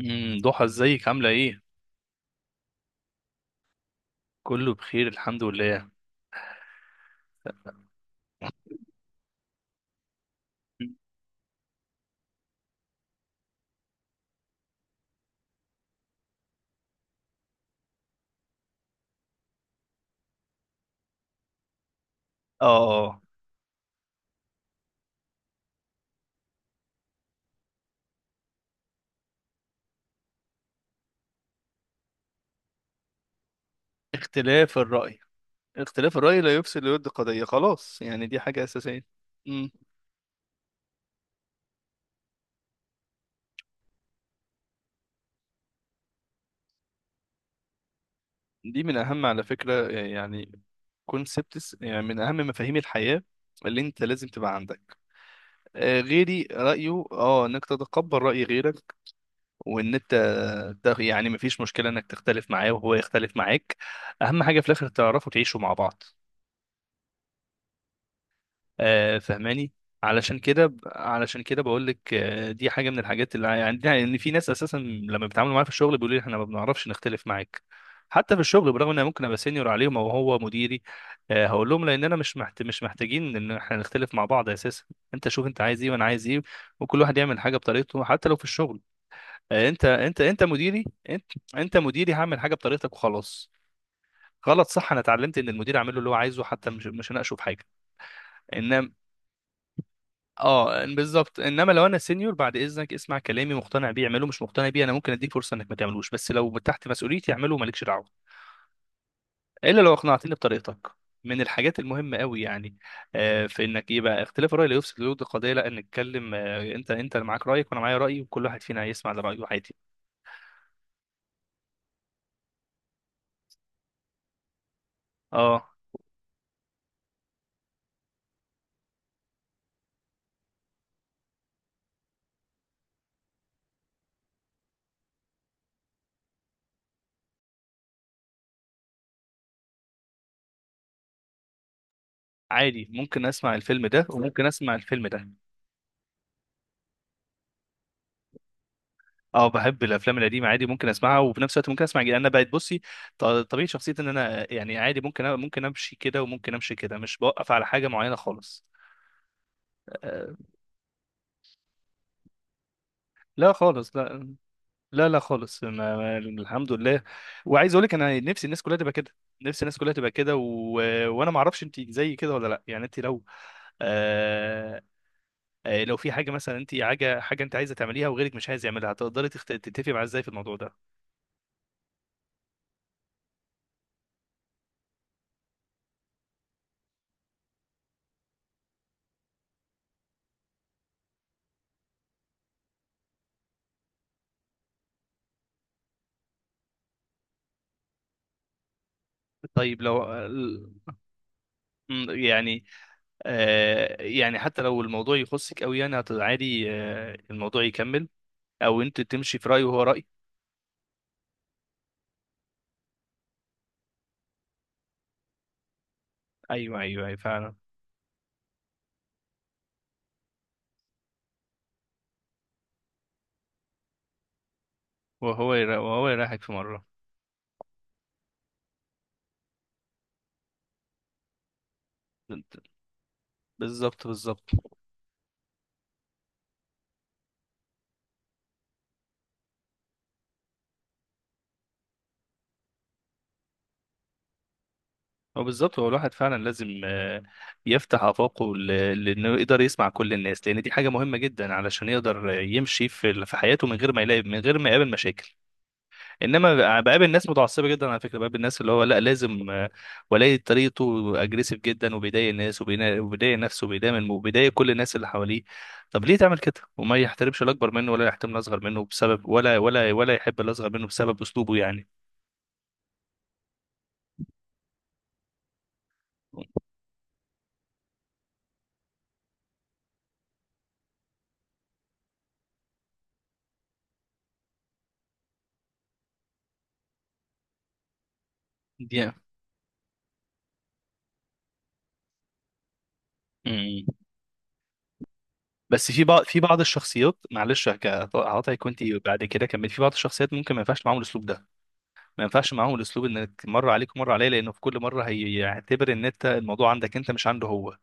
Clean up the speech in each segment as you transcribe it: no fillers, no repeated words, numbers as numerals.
ضحى، ازيك؟ عاملة ايه؟ كله بخير، الحمد لله. اه. اختلاف الرأي. اختلاف الرأي لا يفسد للود قضية، خلاص يعني. دي حاجة أساسية. امم. دي من أهم، على فكرة يعني، كونسبتس، يعني من أهم مفاهيم الحياة اللي انت لازم تبقى عندك. آه، غيري رأيه اه انك تتقبل رأي غيرك. وان انت ده يعني مفيش مشكلة انك تختلف معاه وهو يختلف معاك، اهم حاجة في الاخر تعرفوا تعيشوا مع بعض. فهماني؟ علشان كده بقول لك، دي حاجه من الحاجات اللي عندنا، ان في ناس اساسا لما بيتعاملوا معايا في الشغل بيقولوا لي احنا ما بنعرفش نختلف معاك، حتى في الشغل، برغم ان انا ممكن ابقى سينيور عليهم او هو مديري. هقول لهم لاننا مش محتاجين ان احنا نختلف مع بعض اساسا. انت شوف انت عايز ايه وانا عايز ايه، وكل واحد يعمل حاجه بطريقته، حتى لو في الشغل. انت مديري، انت مديري هعمل حاجه بطريقتك وخلاص. غلط، صح. انا اتعلمت ان المدير اعمل له اللي هو عايزه، حتى مش هناقشه في حاجه، انما. اه بالظبط، انما لو انا سينيور، بعد اذنك اسمع كلامي، مقتنع بيه اعمله، مش مقتنع بيه انا ممكن اديك فرصه انك ما تعملوش، بس لو تحت مسؤوليتي اعمله، مالكش دعوه، الا لو اقنعتني بطريقتك. من الحاجات المهمه قوي يعني، في انك يبقى اختلاف الراي لا يفسد للود القضيه، لا نتكلم، انت اللي معاك رايك وانا معايا رايي، وكل واحد فينا هيسمع لرايه عادي. اه، عادي ممكن اسمع الفيلم ده وممكن اسمع الفيلم ده. اه، بحب الافلام القديمه عادي، ممكن اسمعها وفي نفس الوقت ممكن اسمع جديد. انا بقت بصي، طبيعه شخصيتي ان انا يعني عادي، ممكن ممكن امشي كده وممكن امشي كده، مش بوقف على حاجه معينه خالص. آه، لا خالص، لا. لا، لا خالص، الحمد لله. وعايز اقول لك انا نفسي الناس كلها تبقى كده، نفسي الناس كلها تبقى كده وانا ما اعرفش انت زي كده ولا لا، يعني انت لو، آه... لو في حاجه مثلا، انت، حاجه انت عايزه تعمليها وغيرك مش عايز يعملها، هتقدري تتفقي معاه ازاي في الموضوع ده؟ طيب لو م، يعني آه، يعني حتى لو الموضوع يخصك قوي يعني، عادي، الموضوع يكمل او انت تمشي في رأي وهو رأي. ايوه، ايوه، ايوه، فعلا. وهو يريحك في مرة. بنت- بالظبط، بالظبط. هو بالظبط، هو الواحد فعلا لازم يفتح آفاقه، لأنه يقدر يسمع كل الناس، لأن دي حاجة مهمة جدا علشان يقدر يمشي في في حياته من غير ما يلاقي، من غير ما يقابل مشاكل. انما بقابل ناس متعصبه جدا، على فكره، بقابل الناس اللي هو لا لازم، ولاية طريقته اجريسيف جدا، وبيضايق الناس، وبيضايق نفسه، وبيضايق كل الناس اللي حواليه. طب ليه تعمل كده وما يحترمش الاكبر منه، ولا يحترم الاصغر منه بسبب، ولا يحب الاصغر منه بسبب اسلوبه يعني؟ دي مم. بس في بعض الشخصيات، معلش هقاطعك وانت بعد كده كمل، في بعض الشخصيات ممكن ما ينفعش معاهم الاسلوب ده، ما ينفعش معاهم الاسلوب انك مره عليك ومره عليه، لانه في كل مره هيعتبر ان انت الموضوع عندك انت، مش عنده هو.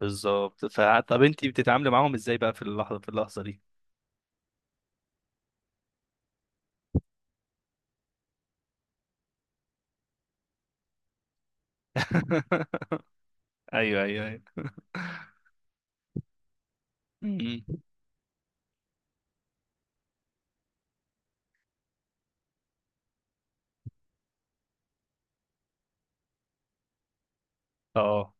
بالظبط، طب انت بتتعاملي معاهم ازاي بقى في اللحظه في اللحظه دي؟ ايوه، ايوه، ايوه. م-م. اه.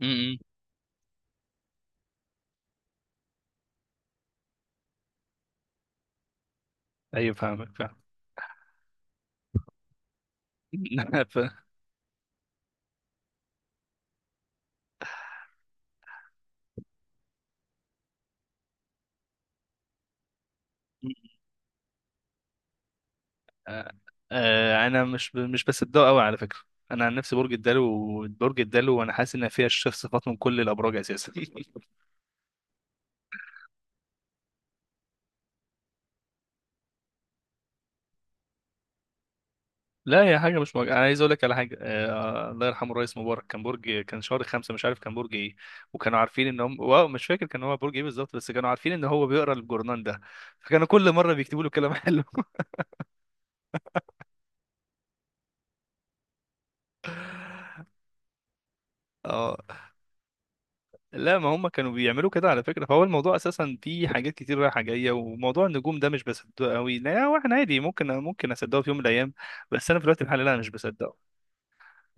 م-م. ايوه، فاهمك، فاهم. ف... آه، انا مش بصدقه قوي، على فكره. انا عن نفسي برج الدلو، وانا حاسس ان فيها الشيخ صفات من كل الابراج اساسا لا، هي حاجه مش مج... انا عايز اقول لك على حاجه. الله يرحمه الرئيس مبارك كان كان شهر 5، مش عارف كان برج ايه، وكانوا عارفين ان هم، واو، مش فاكر كان هو برج ايه بالظبط، بس كانوا عارفين ان هو بيقرا الجورنان ده، فكانوا كل مره بيكتبوا له كلام حلو اه، لا، ما هم كانوا بيعملوا كده على فكره، فهو الموضوع اساسا فيه حاجات كتير رايحه جايه. وموضوع النجوم ده مش بصدقه قوي، لا هو، احنا عادي ممكن، اصدقه في يوم من الايام، بس انا في الوقت الحالي لا، أنا مش بصدقه.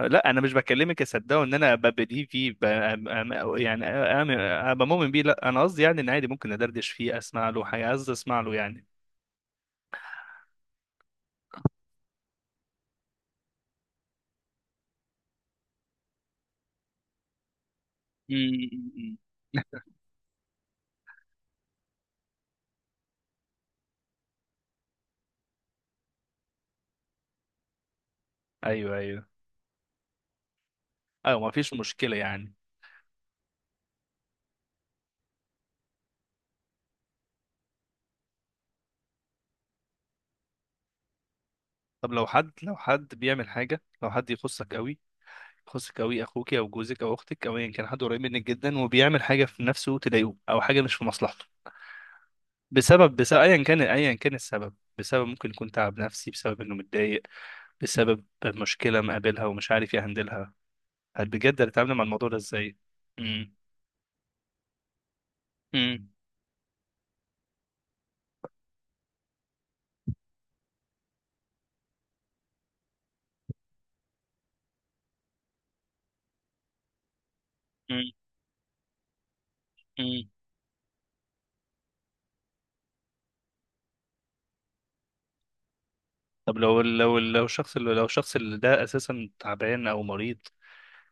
لا، انا مش بكلمك اصدقه ان انا ببديه فيه، ب... أم- أم- يعني أم- ابقى مؤمن بيه. لا، انا قصدي يعني ان عادي ممكن ادردش فيه، اسمع له حاجه، قصدي اسمع له يعني. امم. ايوه، ايوه، ايوه، ما فيش مشكله يعني. طب لو حد يخصك قوي، اخوك او جوزك او اختك او ايا كان حد قريب منك جدا، وبيعمل حاجه في نفسه تضايقه او حاجه مش في مصلحته، بسبب ايا كان السبب، ممكن يكون تعب نفسي بسبب انه متضايق، بسبب مشكله مقابلها ومش عارف يهندلها. هل بجد هتتعامل مع الموضوع ده ازاي؟ امم. امم. امم. امم. طب لو الشخص اللي ده اساسا تعبان او مريض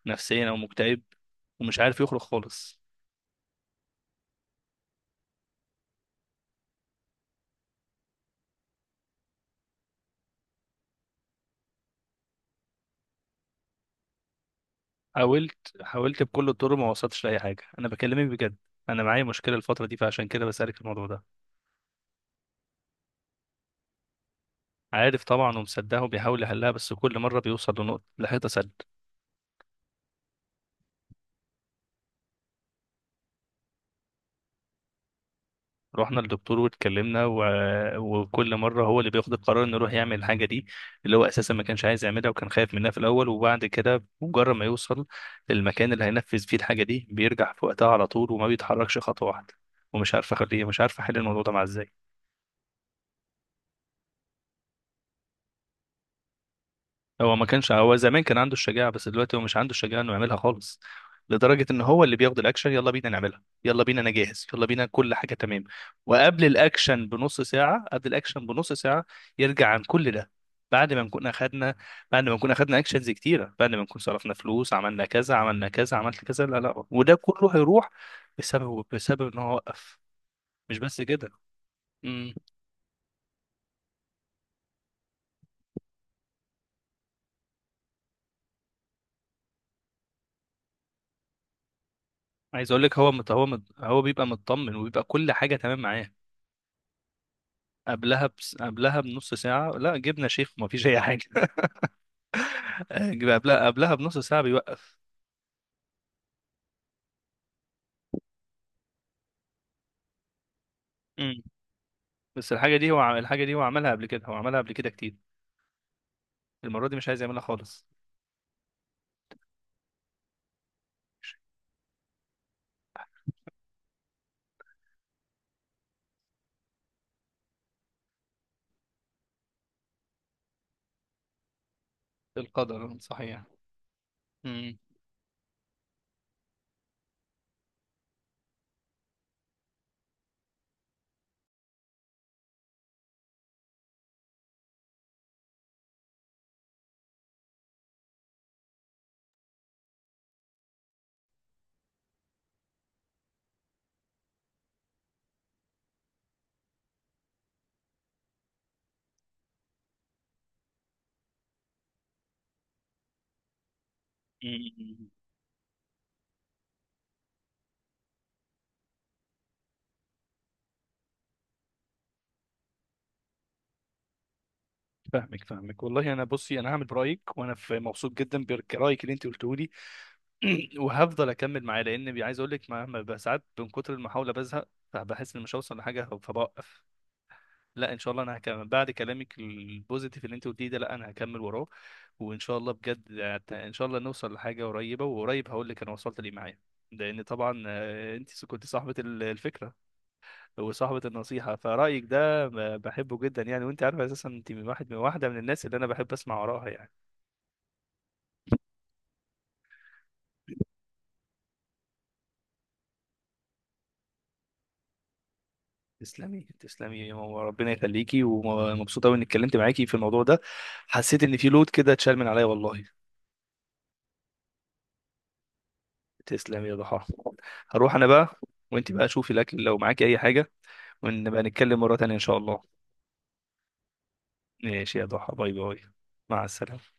نفسيا او مكتئب، ومش عارف يخرج خالص. حاولت، حاولت بكل الطرق، ما وصلتش لاي حاجه. انا بكلمك بجد، انا معايا مشكله الفتره دي، فعشان كده بسالك الموضوع ده. عارف طبعا ومصدقه وبيحاول يحلها، بس كل مره بيوصل لنقطه، لحيطه سد. رحنا للدكتور واتكلمنا وكل مره هو اللي بياخد القرار انه يروح يعمل الحاجه دي، اللي هو اساسا ما كانش عايز يعملها وكان خايف منها في الاول، وبعد كده مجرد ما يوصل للمكان اللي هينفذ فيه الحاجه دي بيرجع في وقتها على طول، وما بيتحركش خطوه واحده، ومش عارف اخليه، مش عارف احل الموضوع ده مع، ازاي. هو ما كانش هو زمان كان عنده الشجاعة، بس دلوقتي هو مش عنده الشجاعة انه يعملها خالص، لدرجة ان هو اللي بياخد الاكشن، يلا بينا نعملها، يلا بينا، انا جاهز، يلا بينا، كل حاجة تمام، وقبل الاكشن بنص ساعة، قبل الاكشن بنص ساعة، يرجع عن كل ده، بعد ما نكون اخدنا بعد ما نكون اخدنا اكشنز كتيرة، بعد ما نكون صرفنا فلوس، عملنا كذا، عملنا كذا، عملت كذا، لا، لا، وده كله هيروح بسبب، ان هو وقف. مش بس كده. امم. عايز اقول لك، هو بيبقى مطمن وبيبقى كل حاجة تمام معاه قبلها، بس قبلها بنص ساعة لا، جبنا شيخ وما فيش أي حاجة. قبلها بنص ساعة بيوقف. امم. بس الحاجة دي هو عملها قبل كده، هو عملها قبل كده كتير، المرة دي مش عايز يعملها خالص. القدر صحيح. امم. أمم. فاهمك، فاهمك والله. انا بصي، انا هعمل برايك، وانا مبسوط جدا برايك اللي انت قلته لي. وهفضل اكمل معاه، لان، عايز اقول لك، بقى ساعات من كتر المحاوله بزهق، فبحس اني مش هوصل لحاجه فبوقف. لا، ان شاء الله انا هكمل بعد كلامك البوزيتيف اللي انت قلتيه ده، لا انا هكمل وراه، وان شاء الله بجد، ان شاء الله نوصل لحاجه قريبه، وقريب هقول لك انا وصلت ليه معايا، لان طبعا، انت كنت صاحبه الفكره وصاحبه النصيحه، فرايك ده بحبه جدا يعني، وانت عارفه اساسا انت من من واحده من الناس اللي انا بحب اسمع وراها يعني. تسلمي، تسلمي يا ماما، ربنا يخليكي، ومبسوطه قوي اني اتكلمت معاكي في الموضوع ده، حسيت ان في لود كده اتشال من عليا والله. تسلم يا ضحى، هروح انا بقى، وانت بقى شوفي الاكل لو معاكي اي حاجه، ونبقى نتكلم مره تانية ان شاء الله. ماشي يا ضحى، باي باي. مع السلامه.